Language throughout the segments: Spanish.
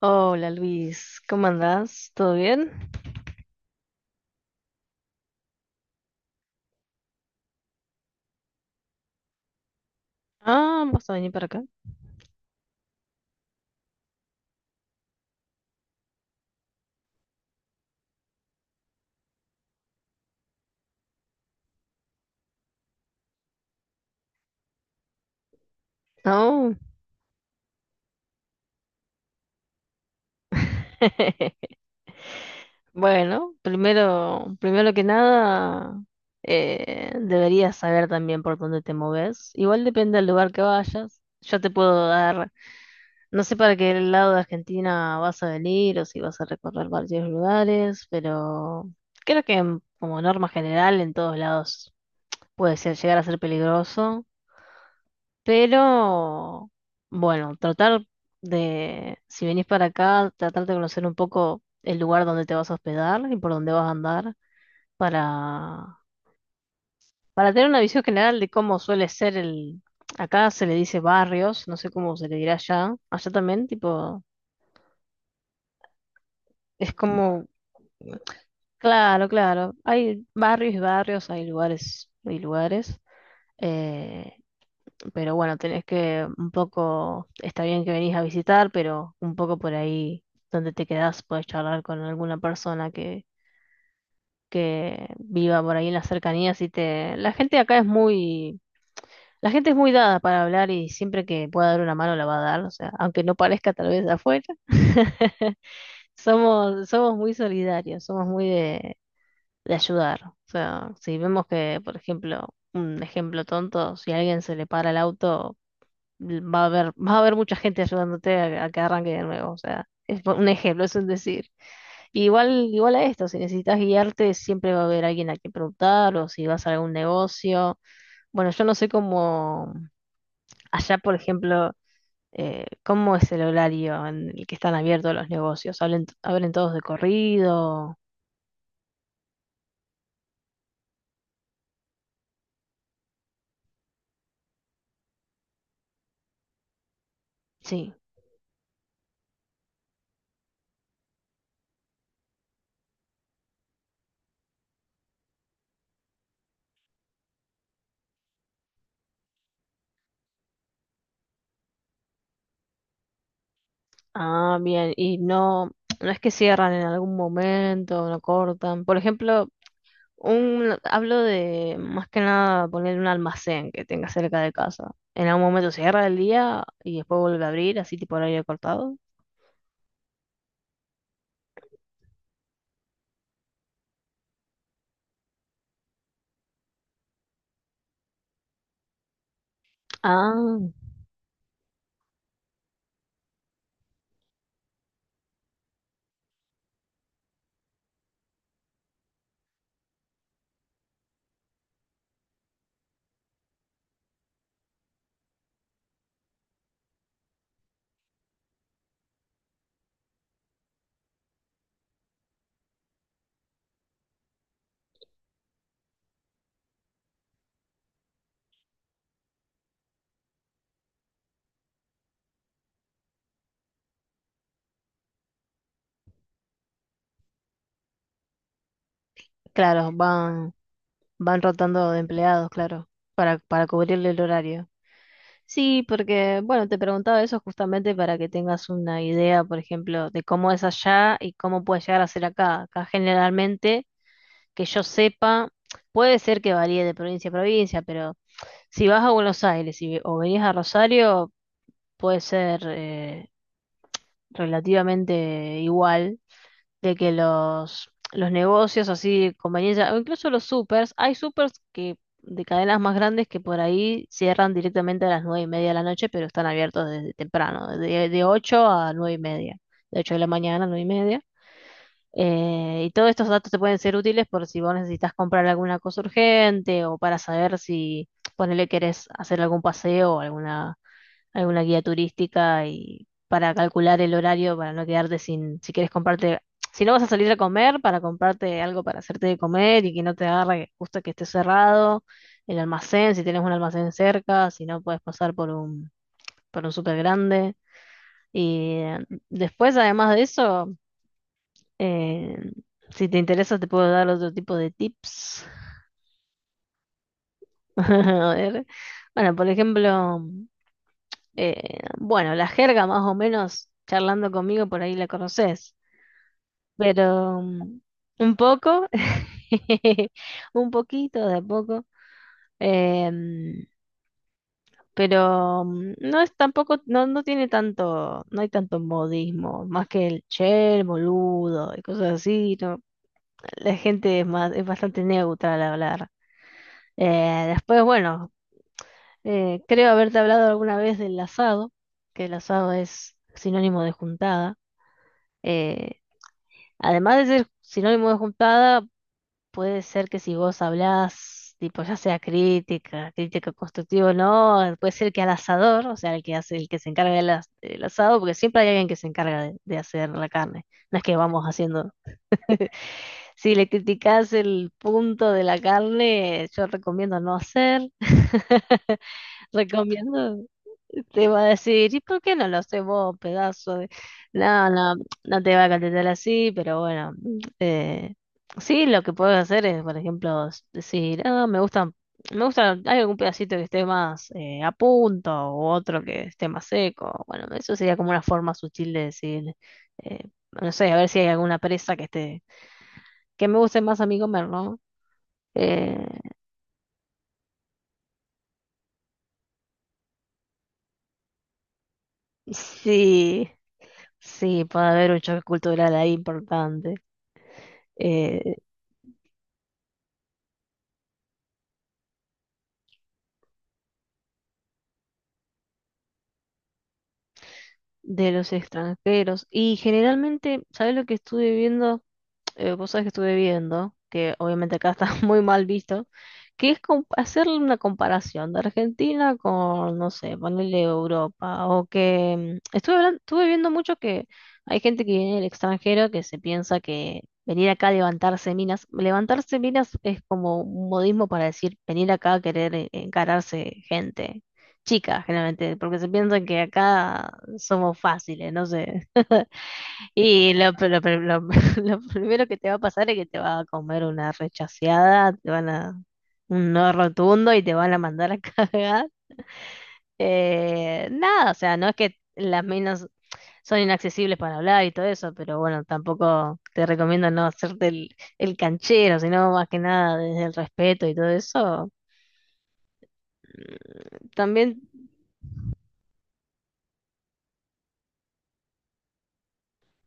Hola Luis, ¿cómo andás? ¿Todo bien? Ah, ¿vas a venir para acá? No. Bueno, primero que nada, deberías saber también por dónde te moves. Igual depende del lugar que vayas. Yo te puedo dar, no sé para qué lado de Argentina vas a venir o si vas a recorrer varios lugares, pero creo que como norma general en todos lados puede ser, llegar a ser peligroso. Pero, bueno, tratar si venís para acá, tratar de conocer un poco el lugar donde te vas a hospedar y por dónde vas a andar para, para tener una visión general de cómo suele ser el... Acá se le dice barrios, no sé cómo se le dirá allá. Allá también, tipo, es como, claro, claro, hay barrios y barrios, hay lugares y lugares. Eh, pero bueno, tenés que un poco, está bien que venís a visitar, pero un poco por ahí donde te quedás, podés charlar con alguna persona que viva por ahí en las cercanías y te... La gente acá es muy... La gente es muy dada para hablar y siempre que pueda dar una mano la va a dar, o sea, aunque no parezca tal vez de afuera, somos muy solidarios, somos muy de ayudar. O sea, si vemos que, por ejemplo, un ejemplo tonto, si a alguien se le para el auto, va a haber mucha gente ayudándote a que arranque de nuevo. O sea, es un ejemplo, es un decir. Y igual, igual a esto, si necesitas guiarte, siempre va a haber alguien a quien preguntar o si vas a algún negocio. Bueno, yo no sé cómo, allá, por ejemplo, cómo es el horario en el que están abiertos los negocios. ¿Hablen, abren todos de corrido? Sí. Ah, bien. Y no, no es que cierran en algún momento, no cortan. Por ejemplo, Un, hablo de más que nada poner un almacén que tenga cerca de casa. En algún momento cierra el día y después vuelve a abrir, así tipo horario cortado. Ah, claro, van, van rotando de empleados, claro, para cubrirle el horario. Sí, porque, bueno, te preguntaba eso justamente para que tengas una idea, por ejemplo, de cómo es allá y cómo puede llegar a ser acá. Acá generalmente, que yo sepa, puede ser que varíe de provincia a provincia, pero si vas a Buenos Aires o venís a Rosario, puede ser relativamente igual de que los negocios así de conveniencia, o incluso los supers, hay supers que de cadenas más grandes que por ahí cierran directamente a las nueve y media de la noche, pero están abiertos desde temprano, de 8 a nueve y media, de 8 de la mañana a nueve y media. Y todos estos datos te pueden ser útiles por si vos necesitas comprar alguna cosa urgente o para saber si ponele querés hacer algún paseo o alguna guía turística y para calcular el horario, para no quedarte sin, si quieres comprarte, si no vas a salir a comer, para comprarte algo para hacerte de comer y que no te agarre justo que esté cerrado, el almacén, si tienes un almacén cerca, si no puedes pasar por por un súper grande. Y después, además de eso, eh, si te interesa, te puedo dar otro tipo de tips. A ver. Bueno, por ejemplo. Bueno, la jerga más o menos, charlando conmigo por ahí la conoces, pero un poco, un poquito de a poco, em, pero no es tampoco, no, no tiene tanto, no hay tanto modismo, más que el che, el boludo y cosas así, ¿no? La gente es más, es bastante neutra al hablar. Después, bueno, creo haberte hablado alguna vez del asado, que el asado es sinónimo de juntada. Eh, Además de ser sinónimo de juntada, puede ser que si vos hablás, tipo, ya sea crítica, crítica constructiva o no, puede ser que al asador, o sea, el que hace, el que se encarga del asado, porque siempre hay alguien que se encarga de hacer la carne. No es que vamos haciendo. Si le criticás el punto de la carne, yo recomiendo no hacer. Recomiendo. Te va a decir, ¿y por qué no lo haces vos, pedazo de...? No, no, no te va a contestar así, pero bueno. eh, sí, lo que puedes hacer es, por ejemplo, decir, ah, me gusta, hay algún pedacito que esté más a punto o otro que esté más seco. Bueno, eso sería como una forma sutil de decir, eh, no sé, a ver si hay alguna presa que esté, que me guste más a mí comer, ¿no? Eh, sí, sí, puede haber un choque cultural ahí importante. Eh, de los extranjeros. Y generalmente, ¿sabes lo que estuve viendo? Vos sabés que estuve viendo, que obviamente acá está muy mal visto, que es hacerle una comparación de Argentina con, no sé, ponerle Europa, o que estuve viendo mucho que hay gente que viene del extranjero que se piensa que venir acá a levantarse minas es como un modismo para decir venir acá a querer encararse gente, chica, generalmente, porque se piensan que acá somos fáciles, no sé. Y lo, pe- lo pe- lo- lo primero que te va a pasar es que te va a comer una rechaceada, te van a un no rotundo y te van a mandar a cagar. Nada, o sea, no es que las minas son inaccesibles para hablar y todo eso, pero bueno, tampoco te recomiendo no hacerte el canchero, sino más que nada desde el respeto y todo eso. Mm, También,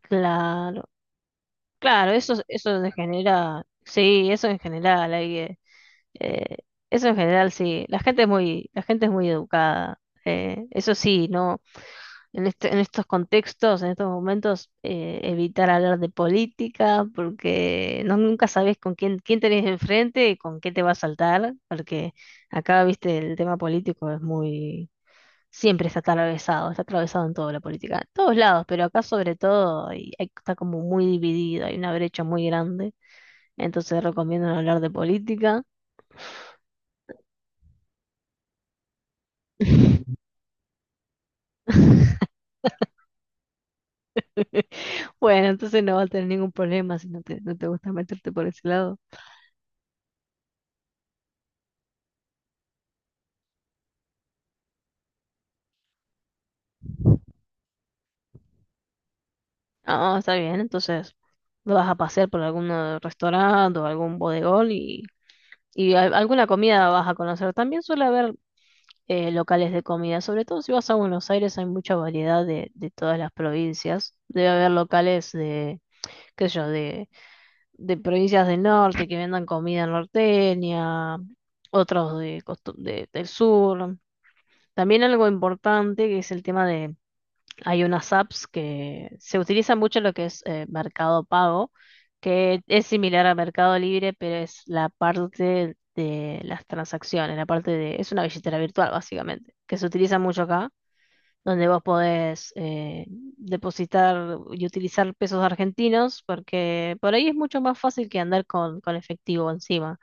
claro, claro, eso en genera, sí, eso en general, hay que Eh, eso en general sí, la gente es muy educada. Eso sí, no, en estos contextos, en estos momentos, evitar hablar de política, porque no, nunca sabes con quién, quién tenés enfrente y con qué te va a saltar, porque acá, viste, el tema político es muy, siempre está atravesado en toda la política, en todos lados, pero acá sobre todo, y está como muy dividido, hay una brecha muy grande, entonces recomiendo no hablar de política. Bueno, entonces no va a tener ningún problema si no te, no te gusta meterte por ese lado. Ah, está bien, entonces lo vas a pasear por algún restaurante o algún bodegón y alguna comida vas a conocer. También suele haber locales de comida, sobre todo si vas a Buenos Aires hay mucha variedad de todas las provincias. Debe haber locales de, qué sé yo, de provincias del norte que vendan comida norteña, otros de, del sur. También algo importante que es el tema de hay unas apps que se utiliza mucho en lo que es Mercado Pago, que es similar a Mercado Libre, pero es la parte de las transacciones, la parte de, es una billetera virtual básicamente, que se utiliza mucho acá, donde vos podés depositar y utilizar pesos argentinos, porque por ahí es mucho más fácil que andar con efectivo encima.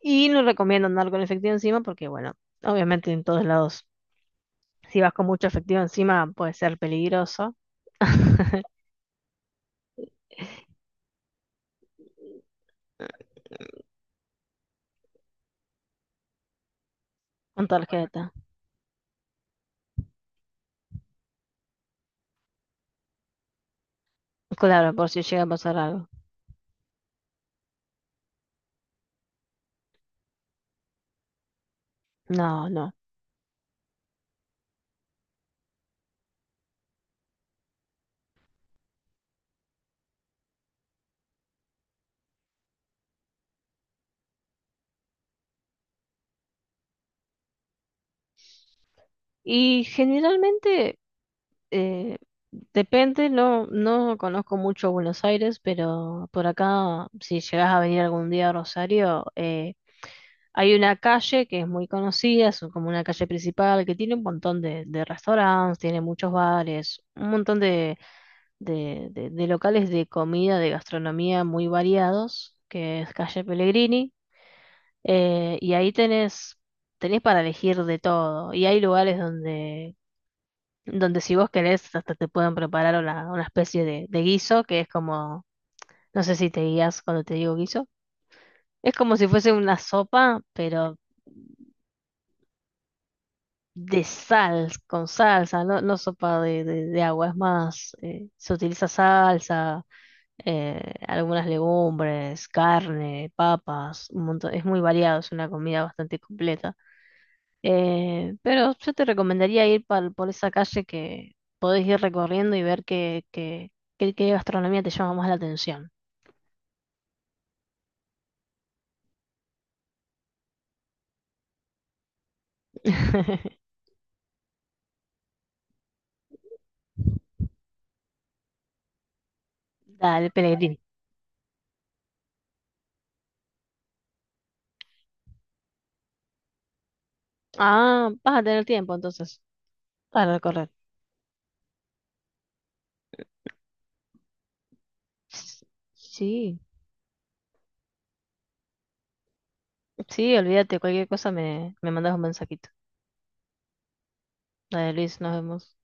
Y no recomiendo andar con efectivo encima porque, bueno, obviamente en todos lados si vas con mucho efectivo encima, puede ser peligroso. Con tarjeta. Claro, por si llega a pasar algo. No, no. Y generalmente, eh, depende, no, no conozco mucho Buenos Aires, pero por acá, si llegas a venir algún día a Rosario, hay una calle que es muy conocida, es como una calle principal que tiene un montón de restaurantes, tiene muchos bares, un montón de de locales de comida, de gastronomía muy variados, que es calle Pellegrini, y ahí tenés, tenés para elegir de todo, y hay lugares donde, donde si vos querés hasta te pueden preparar una especie de guiso, que es como, no sé si te guías cuando te digo guiso, es como si fuese una sopa, pero de sal, con salsa, no, no sopa de, de agua, es más, se utiliza salsa algunas legumbres, carne, papas, un montón. Es muy variado, es una comida bastante completa. Pero yo te recomendaría ir por esa calle que podés ir recorriendo y ver qué, qué, qué, qué gastronomía te llama más la atención. Dale, Pellegrini. Ah, vas a tener tiempo entonces para recorrer. S- Sí, sí, olvídate, cualquier cosa me, me mandas un mensajito. Dale, Luis, nos vemos.